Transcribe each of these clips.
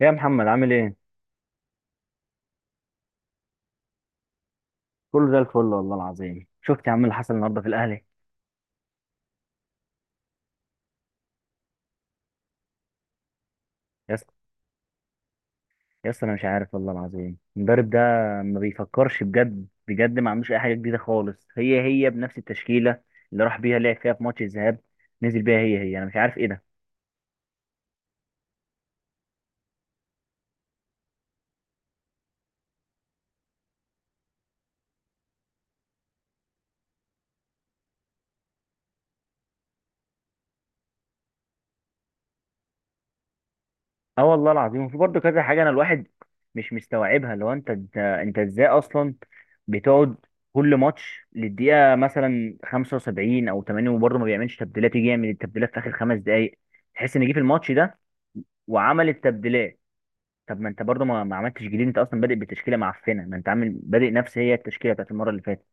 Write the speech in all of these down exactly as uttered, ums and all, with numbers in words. يا محمد عامل ايه؟ كله زي الفل والله العظيم شفت يا عم اللي حصل النهارده في الاهلي. يا اسطى، يا اسطى انا مش عارف والله العظيم المدرب ده ما بيفكرش بجد بجد ما عندوش اي حاجه جديده خالص، هي هي بنفس التشكيله اللي راح بيها لعب فيها في ماتش الذهاب، نزل بيها هي هي. انا مش عارف ايه ده. اه والله العظيم، وفي برضه كذا حاجه انا الواحد مش مستوعبها. لو انت انت انت ازاي اصلا بتقعد كل ماتش للدقيقه مثلا خمسة وسبعين او تمانين وبرضه ما بيعملش تبديلات، يجي يعمل التبديلات في اخر خمس دقائق تحس ان جه في الماتش ده وعملت تبديلات. طب ما انت برضه ما, ما عملتش جديد، انت اصلا بادئ بتشكيله معفنه، ما انت عامل بادئ نفس هي التشكيله بتاعت المره اللي فاتت.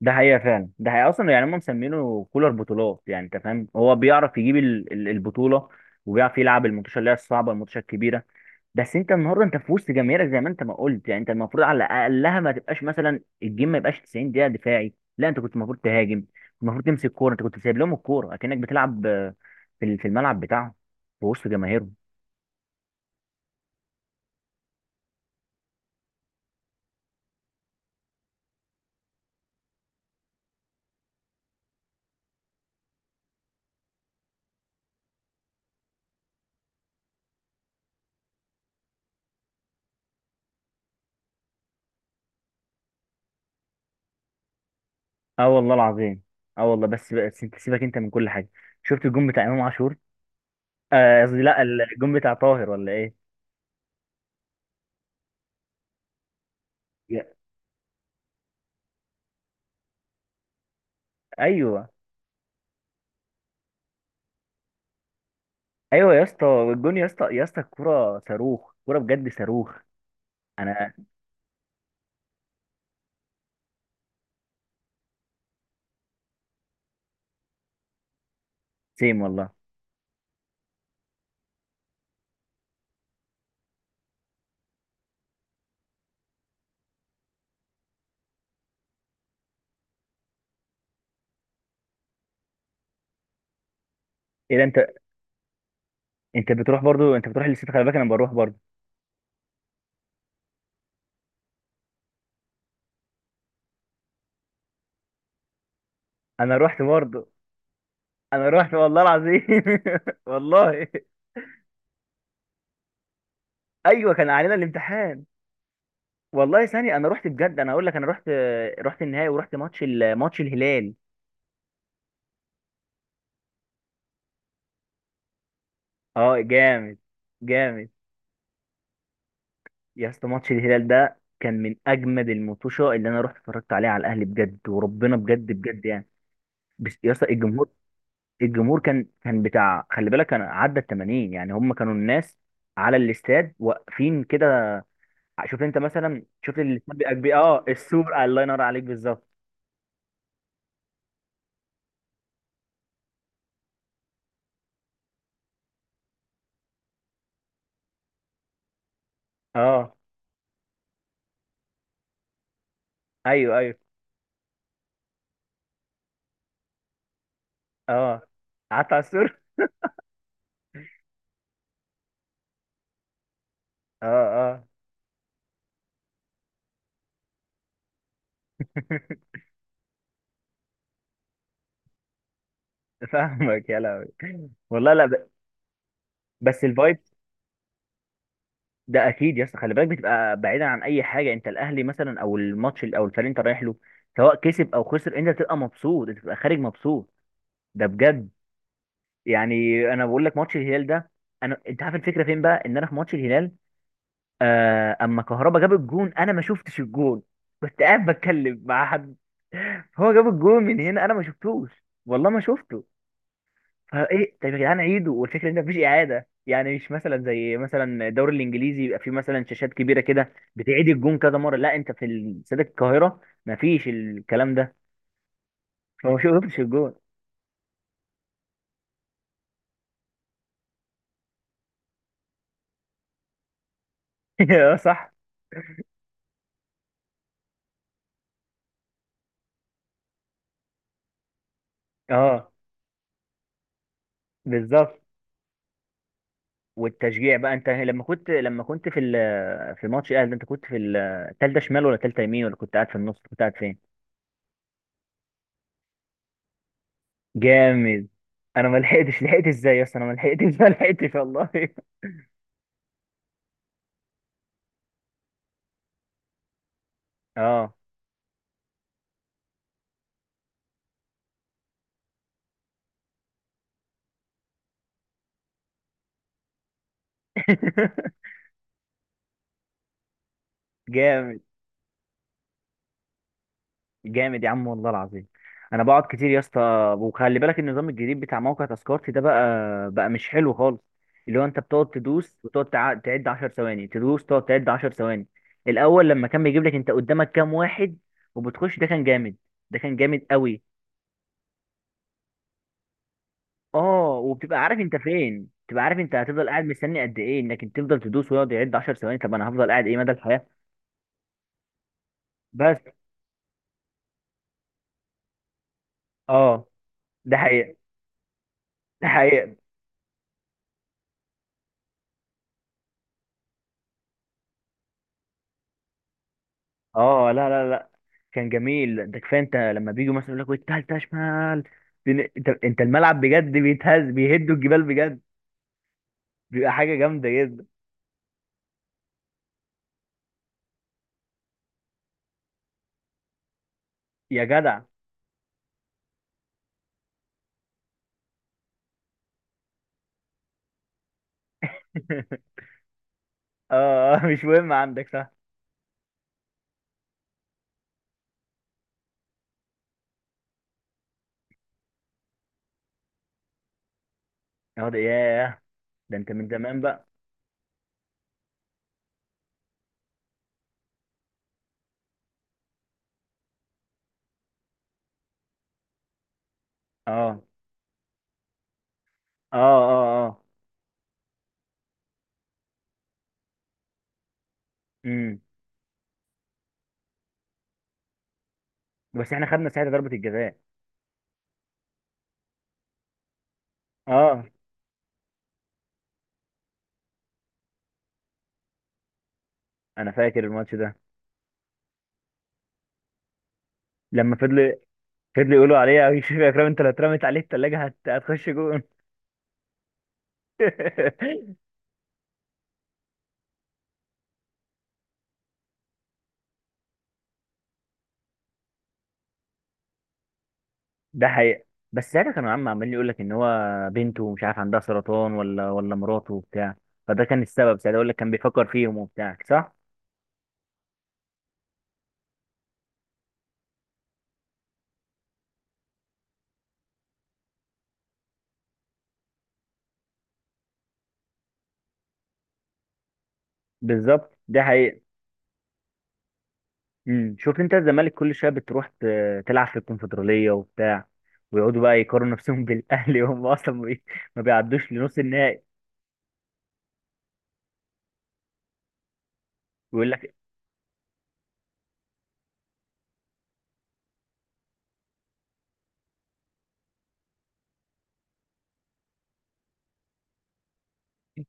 ده حقيقه فعلا، ده حقيقه اصلا. يعني هم مسمينه كولر بطولات، يعني انت فاهم هو بيعرف يجيب ال- ال- البطوله وبيعرف يلعب الماتشات اللي هي الصعبه، الماتشات الكبيره. بس انت النهارده انت في وسط جماهيرك، زي ما انت ما قلت، يعني انت المفروض على اقلها ما تبقاش مثلا الجيم ما يبقاش تسعين دقيقه دفاعي. لا، انت كنت المفروض تهاجم، كنت المفروض تمسك كوره، انت كنت سايب لهم الكوره اكنك بتلعب آه، في ال- في الملعب بتاعهم، في وسط جماهيرهم. اه والله العظيم. اه والله، بس بس انت سيبك انت من كل حاجه، شفت الجون بتاع امام عاشور؟ آه، قصدي لا الجون بتاع طاهر، ولا ايه؟ يا- ايوه، ايوه يا اسطى. الجون يا اسطى، يا اسطى الكوره صاروخ، كوره بجد صاروخ. انا سيم والله. ايه ده، انت انت بتروح برضو؟ انت بتروح للست؟ خلي بالك انا بروح برضو. انا رحت برضو، انا رحت والله العظيم. والله. ايوه كان علينا الامتحان. والله ثاني انا رحت بجد، انا اقول لك انا رحت. رحت النهائي ورحت ماتش ال- ماتش الهلال. اه جامد، جامد. يا اسطى ماتش الهلال ده كان من اجمد المطوشه اللي انا رحت اتفرجت عليها على الاهلي بجد، وربنا بجد بجد يعني. بس يا اسطى الجمهور، الجمهور كان كان بتاع، خلي بالك كان عدى ال تمانين، يعني هم كانوا الناس على الاستاد واقفين كده. شوف انت مثلا، شوف الاستاد بيبقى كبير. اه السور، الله ينور عليك، بالظبط. اه. ايوه، ايوه، اه. قعدت على السور. اه، اه. فاهمك يا لهوي. والله لا ب- بس الفايب، ده اكيد يا اسطى. خلي بالك بتبقى بعيدا عن اي حاجه. انت الاهلي مثلا او الماتش ال- او الفريق اللي انت رايح له، سواء كسب او خسر انت بتبقى مبسوط، انت بتبقى خارج مبسوط، ده بجد. يعني انا بقول لك ماتش الهلال ده، انا انت عارف الفكره فين بقى، ان انا في ماتش الهلال آه... اما كهربا جاب الجون انا ما شفتش الجون، كنت قاعد بتكلم مع حد. هو جاب الجون من هنا انا ما شفتوش، والله ما شفته. فايه، طب يا جدعان عيدوا. والفكره ان مفيش اعاده، يعني مش مثلا زي مثلا الدوري الانجليزي يبقى فيه مثلا شاشات كبيره كده بتعيد الجون كذا مره، لا انت في استاد القاهره مفيش الكلام ده. فما شفتش الجون. اه صح. اه بالظبط. والتشجيع بقى، انت لما كنت، لما كنت في ال- في ماتش الاهلي ده، انت كنت في الثالثه شمال، ولا الثالثه يمين، ولا كنت قاعد في النص؟ كنت قاعد فين؟ جامد. انا ما لحقتش، لحقت ازاي يا اسطى؟ انا ما لحقتش. ما لحقتش والله. اه. جامد، جامد يا عم والله العظيم. انا بقعد كتير يا اسطى. وخلي بالك النظام الجديد بتاع موقع تذكرتي ده بقى، بقى مش حلو خالص. اللي هو انت بتقعد تدوس، وتقعد تع- تعد عشر ثواني، تدوس، تقعد تعد عشر ثواني. الاول لما كان بيجيب لك انت قدامك كام واحد وبتخش، ده كان جامد، ده كان جامد قوي. اه، وبتبقى عارف انت فين، بتبقى عارف انت هتفضل قاعد مستني قد ايه. انك انت تفضل تدوس ويقعد يعد عشر ثواني؟ طب انا هفضل قاعد ايه، مدى الحياة؟ بس اه، ده حقيقة، ده حقيقة. اه، لا لا لا كان جميل ده. كفايه انت لما بيجوا مثلا يقول لك والتالتة شمال، بن- انت انت الملعب بجد بيتهز، بيهدوا الجبال بجد، بيبقى حاجه جامده جدا. يا جدع. اه، اه، مش مهم عندك صح. اه ده ياه، ده انت من زمان بقى. اه، اه، اه، اه. امم. بس احنا خدنا ساعتها ضربة الجزاء. اه، انا فاكر الماتش ده. لما فضل، فضل يقولوا عليه يا شريف يا اكرم، انت لو اترمت عليه التلاجة هت... هتخش جون. ده حقيقة. بس ساعتها كان عم عمال يقول لك ان هو بنته مش عارف عندها سرطان، ولا ولا مراته وبتاع، فده كان السبب ساعتها، يقول لك كان بيفكر فيهم وبتاع، صح. بالظبط ده حقيقة. امم، شوف انت الزمالك كل شويه بتروح ت- تلعب في الكونفدرالية وبتاع، ويقعدوا بقى يقارنوا نفسهم بالاهلي، وهم اصلا ما بي- ما بيعدوش لنص النهائي. ويقول لك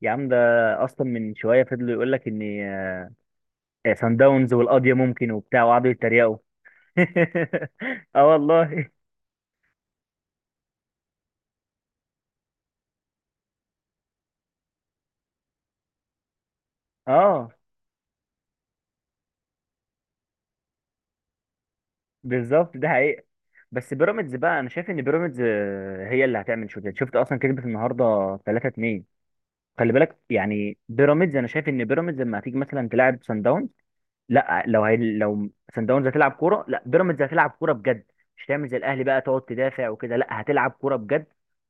يا عم ده، اصلا من شويه فضلوا يقول لك ان آه، سان داونز والقضيه ممكن وبتاع، وقعدوا يتريقوا. اه والله. اه بالظبط ده حقيقة. بس بيراميدز بقى، انا شايف ان بيراميدز آه، هي اللي هتعمل شغل. شفت اصلا كسبت النهارده تلاتة اتنين. خلي بالك، يعني بيراميدز، انا شايف ان بيراميدز لما هتيجي مثلا تلعب سان داونز، لا، لو هي لو سان داونز هتلعب كوره، لا بيراميدز هتلعب كوره بجد، مش هتعمل زي الاهلي بقى تقعد تدافع وكده، لا هتلعب كوره بجد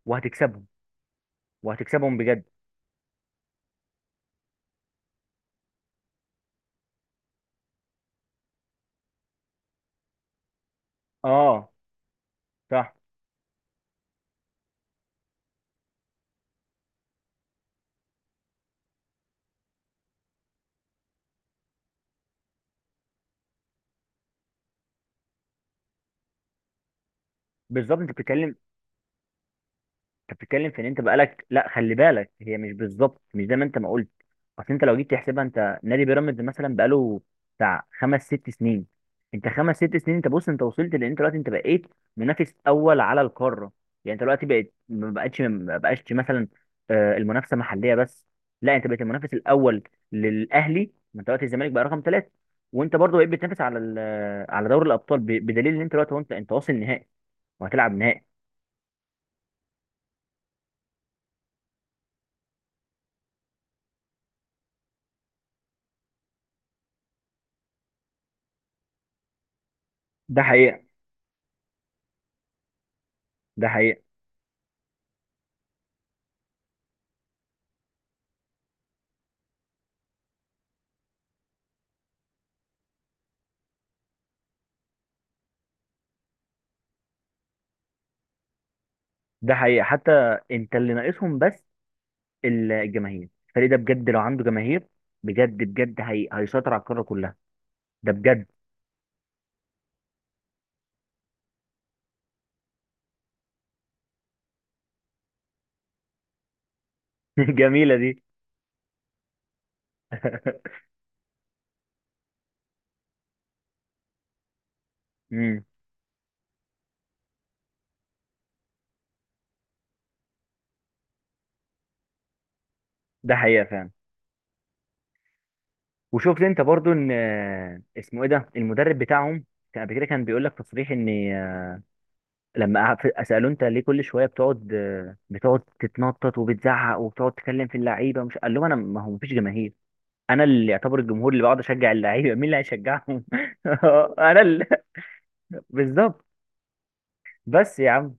وهتكسبهم، وهتكسبهم بجد. اه صح. بالظبط. انت بتتكلم، انت بتتكلم في ان انت بقالك، لا خلي بالك هي مش بالظبط مش زي ما انت ما قلت. اصل انت لو جيت تحسبها، انت نادي بيراميدز مثلا بقاله بتاع خمس ست سنين، انت خمس ست سنين، انت بص، انت وصلت لان انت دلوقتي انت بقيت منافس اول على القاره. يعني انت دلوقتي بقيت، ما بقتش، ما بقاش مثلا آه، المنافسه محليه بس، لا انت بقيت المنافس الاول للاهلي. ما انت دلوقتي الزمالك بقى رقم ثلاثه، وانت برضه بقيت بتنافس على ال- على دوري الابطال، ب- بدليل ان انت دلوقتي هو انت انت واصل نهائي، وهتلعب نهائي. ده حقيقة، ده حقيقة، ده حقيقة. حتى انت اللي ناقصهم بس الجماهير، الفريق ده بجد لو عنده جماهير بجد بجد هي... هيسيطر على القارة كلها، ده بجد. جميلة دي. امم. ده حقيقة فعلا. وشفت انت برضو ان آه، اسمه ايه ده، المدرب بتاعهم كان قبل كده كان بيقول لك تصريح ان آه، لما قعد- سألوه انت ليه كل شوية بتقعد آه، بتقعد تتنطط وبتزعق وبتقعد تتكلم في اللعيبة، مش قال لهم انا، ما هو مفيش جماهير، انا اللي يعتبر الجمهور، اللي بقعد اشجع اللعيبة مين اللي هيشجعهم؟ انا اللي، بالظبط. بس يا عم،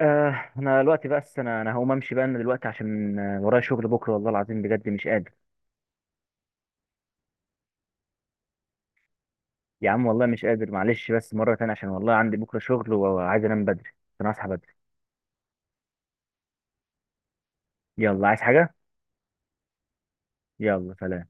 آه انا دلوقتي، بس انا انا هقوم امشي بقى، انا دلوقتي عشان آه، ورايا شغل بكره والله العظيم بجد مش قادر. يا عم والله مش قادر معلش، بس مره تانية، عشان والله عندي بكره شغل وعايز انام بدري عشان اصحى بدري. يلا، عايز حاجه؟ يلا سلام.